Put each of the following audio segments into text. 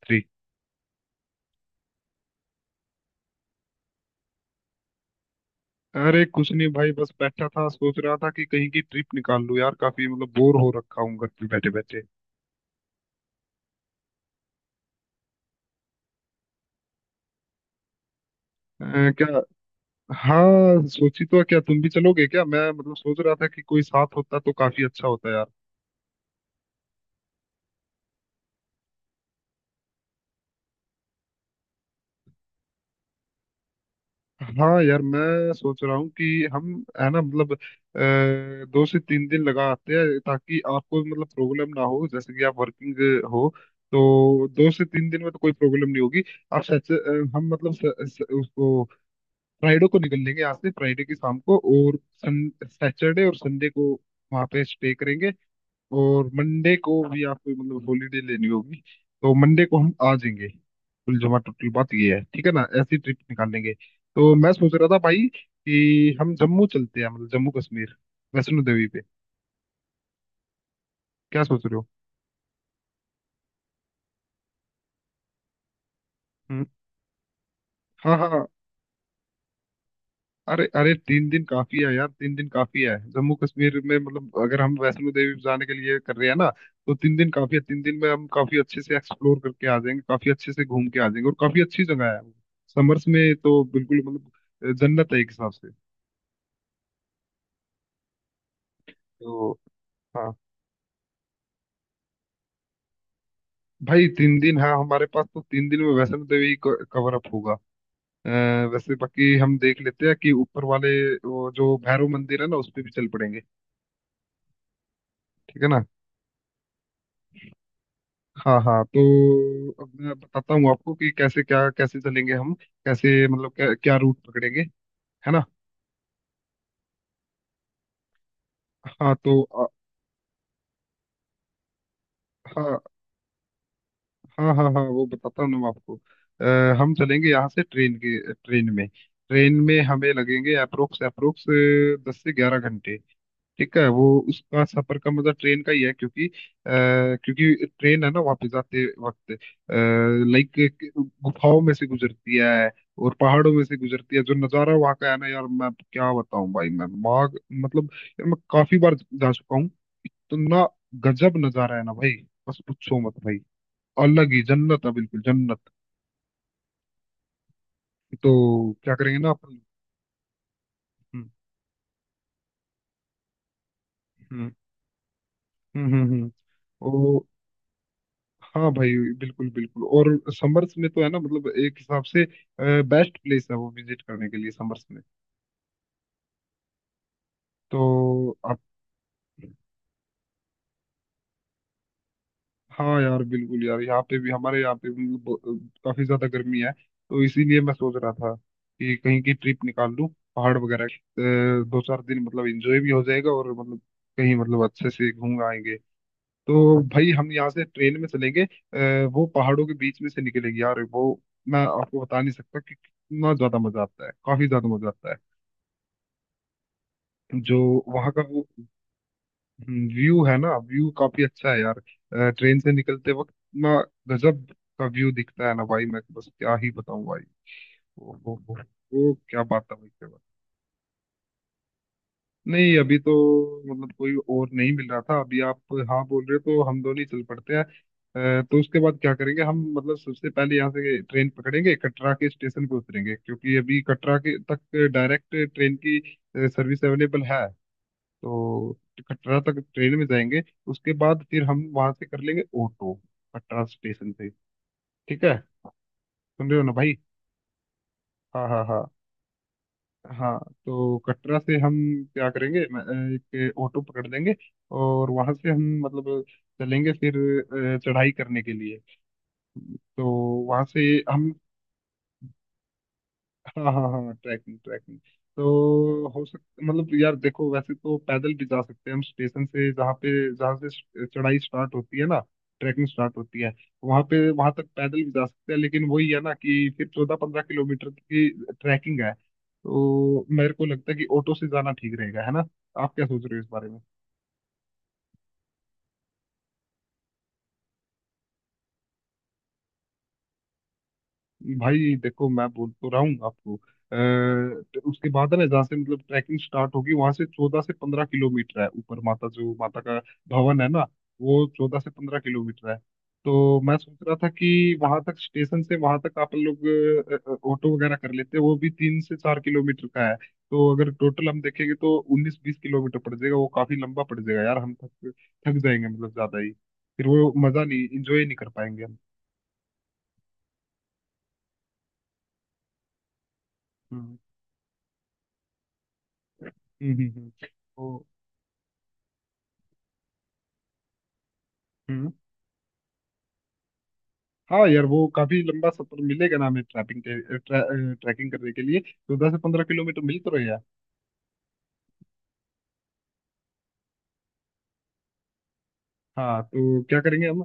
3। अरे कुछ नहीं भाई, बस बैठा था, सोच रहा था कि कहीं की ट्रिप निकाल लूं यार, काफी मतलब बोर हो रखा हूँ घर पे बैठे बैठे। क्या? हाँ सोची तो है, क्या तुम भी चलोगे क्या? मैं मतलब सोच रहा था कि कोई साथ होता तो काफी अच्छा होता यार। हाँ यार, मैं सोच रहा हूँ कि हम है ना, मतलब 2 से 3 दिन लगा आते हैं ताकि आपको मतलब प्रॉब्लम ना हो, जैसे कि आप वर्किंग हो तो 2 से 3 दिन में तो कोई प्रॉब्लम नहीं होगी। आप सच हम मतलब स, स, उसको फ्राइडे को निकल लेंगे यहाँ से, फ्राइडे की शाम को, और सन सैटरडे और संडे को वहाँ पे स्टे करेंगे। और मंडे को भी आपको मतलब हॉलीडे लेनी होगी, तो मंडे को हम आ जाएंगे। कुल जमा टोटल बात ये है, ठीक है ना? ऐसी ट्रिप निकालेंगे। तो मैं सोच रहा था भाई कि हम जम्मू चलते हैं, मतलब जम्मू कश्मीर, वैष्णो देवी पे। क्या सोच रहे हो? हम्म। हाँ हाँ। अरे अरे, 3 दिन काफी है यार, 3 दिन काफी है जम्मू कश्मीर में, मतलब अगर हम वैष्णो देवी जाने के लिए कर रहे हैं ना तो 3 दिन काफी है। 3 दिन में हम काफी अच्छे से एक्सप्लोर करके आ जाएंगे, काफी अच्छे से घूम के आ जाएंगे, और काफी अच्छी जगह है वो। समर्स में तो बिल्कुल मतलब जन्नत है एक हिसाब से। तो हाँ भाई, 3 दिन है हमारे पास, तो 3 दिन में वैष्णो देवी कवर अप होगा। अ, वैसे बाकी हम देख लेते हैं कि ऊपर वाले, वो जो भैरव मंदिर है ना, उस पे भी चल पड़ेंगे। ठीक है ना? हाँ हाँ, तो अब मैं बताता हूँ आपको कि कैसे चलेंगे हम, कैसे मतलब क्या रूट पकड़ेंगे। है ना? हाँ तो हाँ हाँ हाँ हाँ, वो बताता हूँ ना मैं आपको। हम चलेंगे यहाँ से ट्रेन के, ट्रेन में हमें लगेंगे अप्रोक्स अप्रोक्स 10 से 11 घंटे। ठीक है, वो उसका सफर का मतलब ट्रेन का ही है, क्योंकि क्योंकि ट्रेन है ना, वापस आते वक्त लाइक गुफाओं में से गुजरती है, और पहाड़ों में से गुजरती है। जो नज़ारा वहाँ का है ना यार, मैं क्या बताऊं भाई, मैं वहाँ मतलब, यार मैं काफी बार जा चुका हूँ, इतना गजब नज़ारा है ना भाई। बस पूछो मत भाई, अलग ही जन्नत है, बिल्कुल जन्नत। तो क्या करेंगे ना अपन। हम्म हम्म हम्म हम्म हम्म। हाँ भाई बिल्कुल बिल्कुल, और समर्स में तो है ना, मतलब एक हिसाब से बेस्ट प्लेस है वो विजिट करने के लिए समर्स में। तो आप, हाँ यार बिल्कुल यार, यहाँ पे भी, हमारे यहाँ पे भी मतलब काफी ज्यादा गर्मी है, तो इसीलिए मैं सोच रहा था कि कहीं की ट्रिप निकाल लूँ, पहाड़ वगैरह की। दो चार दिन मतलब एंजॉय भी हो जाएगा, और मतलब कहीं मतलब अच्छे से घूम आएंगे। तो भाई, हम यहाँ से ट्रेन में चलेंगे, वो पहाड़ों के बीच में से निकलेगी यार वो। मैं आपको बता नहीं सकता कि कितना ज्यादा मजा आता है, काफी ज्यादा मजा आता है। जो वहाँ का वो व्यू है ना, व्यू काफी अच्छा है यार। ट्रेन से निकलते वक्त इतना गजब का व्यू दिखता है ना भाई, मैं तो बस क्या ही बताऊं भाई। वो, वो, वो, वो क्या बात है भाई, क्या बात। नहीं, अभी तो मतलब कोई और नहीं मिल रहा था, अभी आप हाँ बोल रहे हो तो हम दोनों ही चल पड़ते हैं। तो उसके बाद क्या करेंगे हम? मतलब सबसे पहले यहाँ से ट्रेन पकड़ेंगे, कटरा के स्टेशन पे उतरेंगे, क्योंकि अभी कटरा के तक डायरेक्ट ट्रेन की सर्विस अवेलेबल है। तो कटरा तक ट्रेन में जाएंगे, उसके बाद फिर हम वहाँ से कर लेंगे ऑटो, कटरा स्टेशन से। ठीक है, सुन रहे हो ना भाई? हाँ हाँ हाँ। हाँ, तो कटरा से हम क्या करेंगे? मैं, एक ऑटो पकड़ लेंगे, और वहां से हम मतलब चलेंगे फिर चढ़ाई करने के लिए। तो वहां से हम, हाँ हाँ हाँ, ट्रैकिंग ट्रैकिंग। तो हो सकता, मतलब यार देखो, वैसे तो पैदल भी जा सकते हैं हम स्टेशन से, जहाँ पे जहाँ से चढ़ाई स्टार्ट होती है ना, ट्रैकिंग स्टार्ट होती है वहाँ पे, वहाँ तक पैदल भी जा सकते हैं। लेकिन वही है ना कि फिर 14-15 किलोमीटर की ट्रैकिंग है, तो मेरे को लगता है कि ऑटो से जाना ठीक रहेगा, है ना? आप क्या सोच रहे हो इस बारे में? भाई देखो, मैं बोल तो रहा हूँ आपको। तो उसके बाद है ना, जहाँ से मतलब ट्रैकिंग स्टार्ट होगी, वहां से 14 से 15 किलोमीटर है ऊपर, माता, जो माता का भवन है ना, वो 14 से 15 किलोमीटर है। तो मैं सोच रहा था कि वहां तक, स्टेशन से वहां तक आप लोग ऑटो वगैरह कर लेते, वो भी 3 से 4 किलोमीटर का है। तो अगर टोटल हम देखेंगे तो 19-20 किलोमीटर पड़ जाएगा, वो काफी लंबा पड़ जाएगा यार, हम थक थक जाएंगे, मतलब ज्यादा ही, फिर वो मजा नहीं, इंजॉय नहीं कर पाएंगे हम। हम्म हम्म हम्म हम्म। तो हम्म, हाँ यार, वो काफी लंबा सफर मिलेगा ना हमें, ट्रैकिंग करने के लिए, तो 10 से 15 किलोमीटर मिल तो रहे यार। हाँ तो क्या करेंगे हम?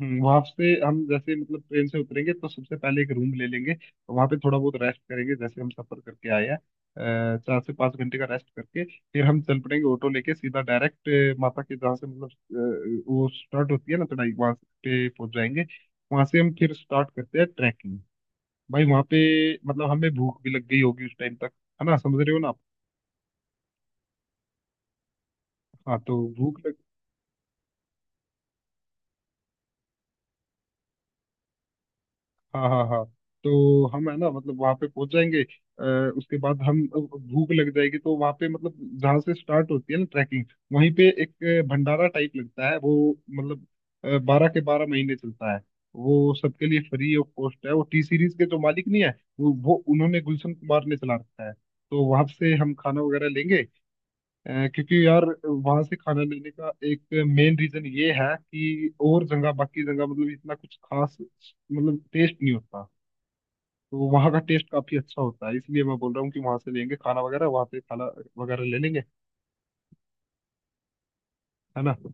वहाँ से हम जैसे मतलब ट्रेन से उतरेंगे तो सबसे पहले एक रूम ले लेंगे, तो वहाँ पे थोड़ा बहुत रेस्ट करेंगे, जैसे हम सफर करके आए हैं। 4 से 5 घंटे का रेस्ट करके फिर हम चल पड़ेंगे ऑटो लेके सीधा डायरेक्ट माता के, जहाँ से मतलब वो स्टार्ट होती है ना चढ़ाई, वहाँ पे पहुंच जाएंगे। वहाँ से हम फिर स्टार्ट करते हैं ट्रैकिंग। भाई वहां पे मतलब हमें भूख भी लग गई होगी उस टाइम तक, है ना? समझ रहे हो ना आप? हाँ तो भूख लग, हाँ हाँ हाँ, तो हम है ना मतलब वहां पे पहुंच जाएंगे। उसके बाद हम, भूख लग जाएगी तो वहां पे मतलब जहाँ से स्टार्ट होती है ना ट्रैकिंग, वहीं पे एक भंडारा टाइप लगता है, वो मतलब 12 के 12 महीने चलता है, वो सबके लिए फ्री ऑफ कॉस्ट है। वो टी सीरीज के जो मालिक नहीं है वो उन्होंने गुलशन कुमार ने चला रखा है। तो वहां से हम खाना वगैरह लेंगे, क्योंकि यार वहां से खाना लेने का एक मेन रीजन ये है कि और जगह, बाकी जगह मतलब इतना कुछ खास मतलब टेस्ट नहीं होता, तो वहाँ का टेस्ट काफी अच्छा होता है, इसलिए मैं बोल रहा हूँ कि वहां से लेंगे खाना वगैरह, वहां से खाना वगैरह ले लेंगे, है ना तो-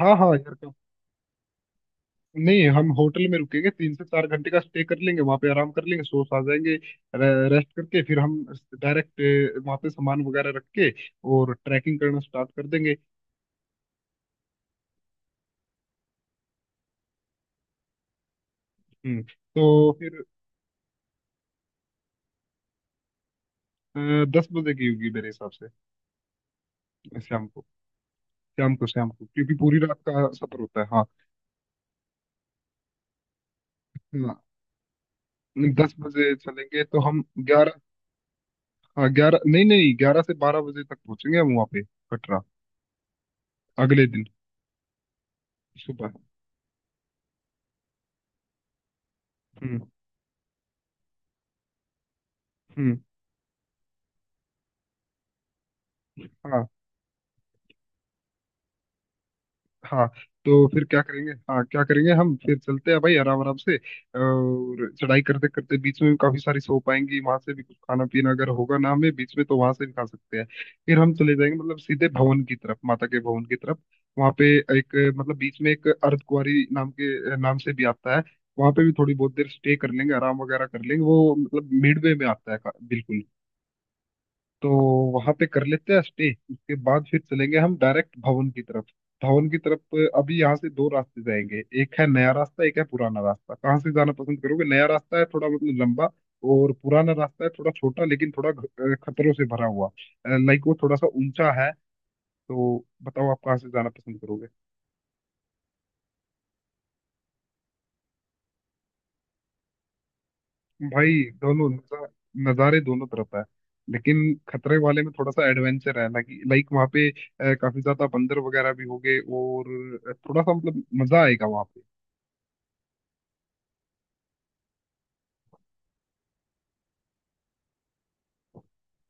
हाँ हाँ यार, तो- नहीं, हम होटल में रुकेंगे, 3 से 4 घंटे का स्टे कर लेंगे वहां पे, आराम कर लेंगे, सो आ जाएंगे, रेस्ट करके फिर हम डायरेक्ट वहां पे सामान वगैरह रख के और ट्रैकिंग करना स्टार्ट कर देंगे। तो फिर अ, 10 बजे की होगी मेरे हिसाब से, शाम को, शाम को, शाम को, क्योंकि पूरी रात का सफर होता है, हाँ। हाँ 10 बजे चलेंगे तो हम 11, हाँ 11, नहीं नहीं, 11 से 12 बजे तक पहुंचेंगे हम वहाँ पे कटरा, अगले दिन सुबह। हम्म हम्म, हाँ तो फिर क्या करेंगे? हाँ क्या करेंगे हम? फिर चलते हैं भाई आराम आराम से, और चढ़ाई करते करते बीच में भी काफी सारी शॉप आएंगी, वहां से भी कुछ खाना पीना अगर होगा ना हमें बीच में तो वहां से भी खा सकते हैं। फिर हम चले जाएंगे मतलब सीधे भवन की तरफ, माता के भवन की तरफ। वहां पे एक, मतलब बीच में एक अर्धकुंवारी नाम के, नाम से भी आता है, वहां पे भी थोड़ी बहुत देर स्टे कर लेंगे, आराम वगैरह कर लेंगे, वो मतलब मिडवे में आता है बिल्कुल। तो वहां पे कर लेते हैं स्टे, उसके बाद फिर चलेंगे हम डायरेक्ट भवन की तरफ, भवन की तरफ। अभी यहाँ से दो रास्ते जाएंगे, एक है नया रास्ता, एक है पुराना रास्ता, कहाँ से जाना पसंद करोगे? नया रास्ता है थोड़ा मतलब लंबा, और पुराना रास्ता है थोड़ा छोटा, लेकिन थोड़ा खतरों से भरा हुआ, लाइक वो थोड़ा सा ऊंचा है। तो बताओ, आप कहाँ से जाना पसंद करोगे? भाई दोनों नज़ारे दोनों तरफ है, लेकिन खतरे वाले में थोड़ा सा एडवेंचर है, लाइक लाइक वहाँ पे काफी ज्यादा बंदर वगैरह भी होंगे, और थोड़ा सा मतलब मजा आएगा वहाँ।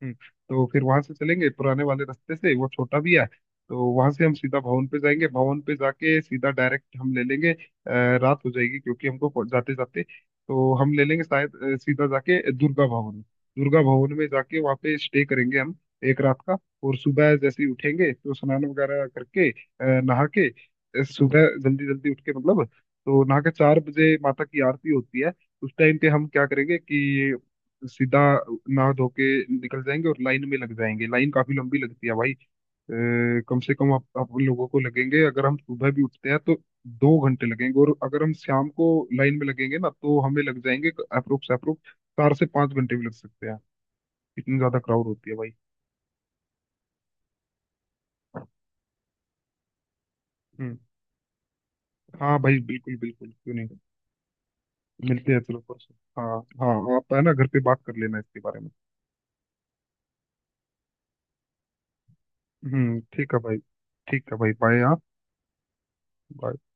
तो फिर वहां से चलेंगे पुराने वाले रास्ते से, वो छोटा भी है। तो वहां से हम सीधा भवन पे जाएंगे, भवन पे जाके सीधा डायरेक्ट हम ले लेंगे, रात हो जाएगी क्योंकि हमको जाते जाते, तो हम ले लेंगे शायद सीधा जाके दुर्गा भवन, दुर्गा भवन में जाके वहाँ पे स्टे करेंगे हम एक रात का। और सुबह जैसे ही उठेंगे तो स्नान वगैरह करके, नहा के, सुबह जल्दी जल्दी उठ के मतलब, तो नहा के 4 बजे माता की आरती होती है, उस टाइम पे हम क्या करेंगे कि सीधा नहा धो के निकल जाएंगे और लाइन में लग जाएंगे। लाइन काफी लंबी लगती है भाई, अ, कम से कम आप लोगों को लगेंगे, अगर हम सुबह भी उठते हैं तो 2 घंटे लगेंगे, और अगर हम शाम को लाइन में लगेंगे ना तो हमें लग जाएंगे अप्रोक्स अप्रोक्स 4 से 5 घंटे भी लग सकते हैं, इतनी ज्यादा क्राउड होती है भाई। हम्म। हाँ भाई बिल्कुल बिल्कुल, क्यों नहीं, मिलते हैं चलो परसों। हाँ हाँ, आप है ना घर पे बात कर लेना इसके बारे में। हम्म, ठीक है भाई। ठीक है भाई, बाय हाँ। bye।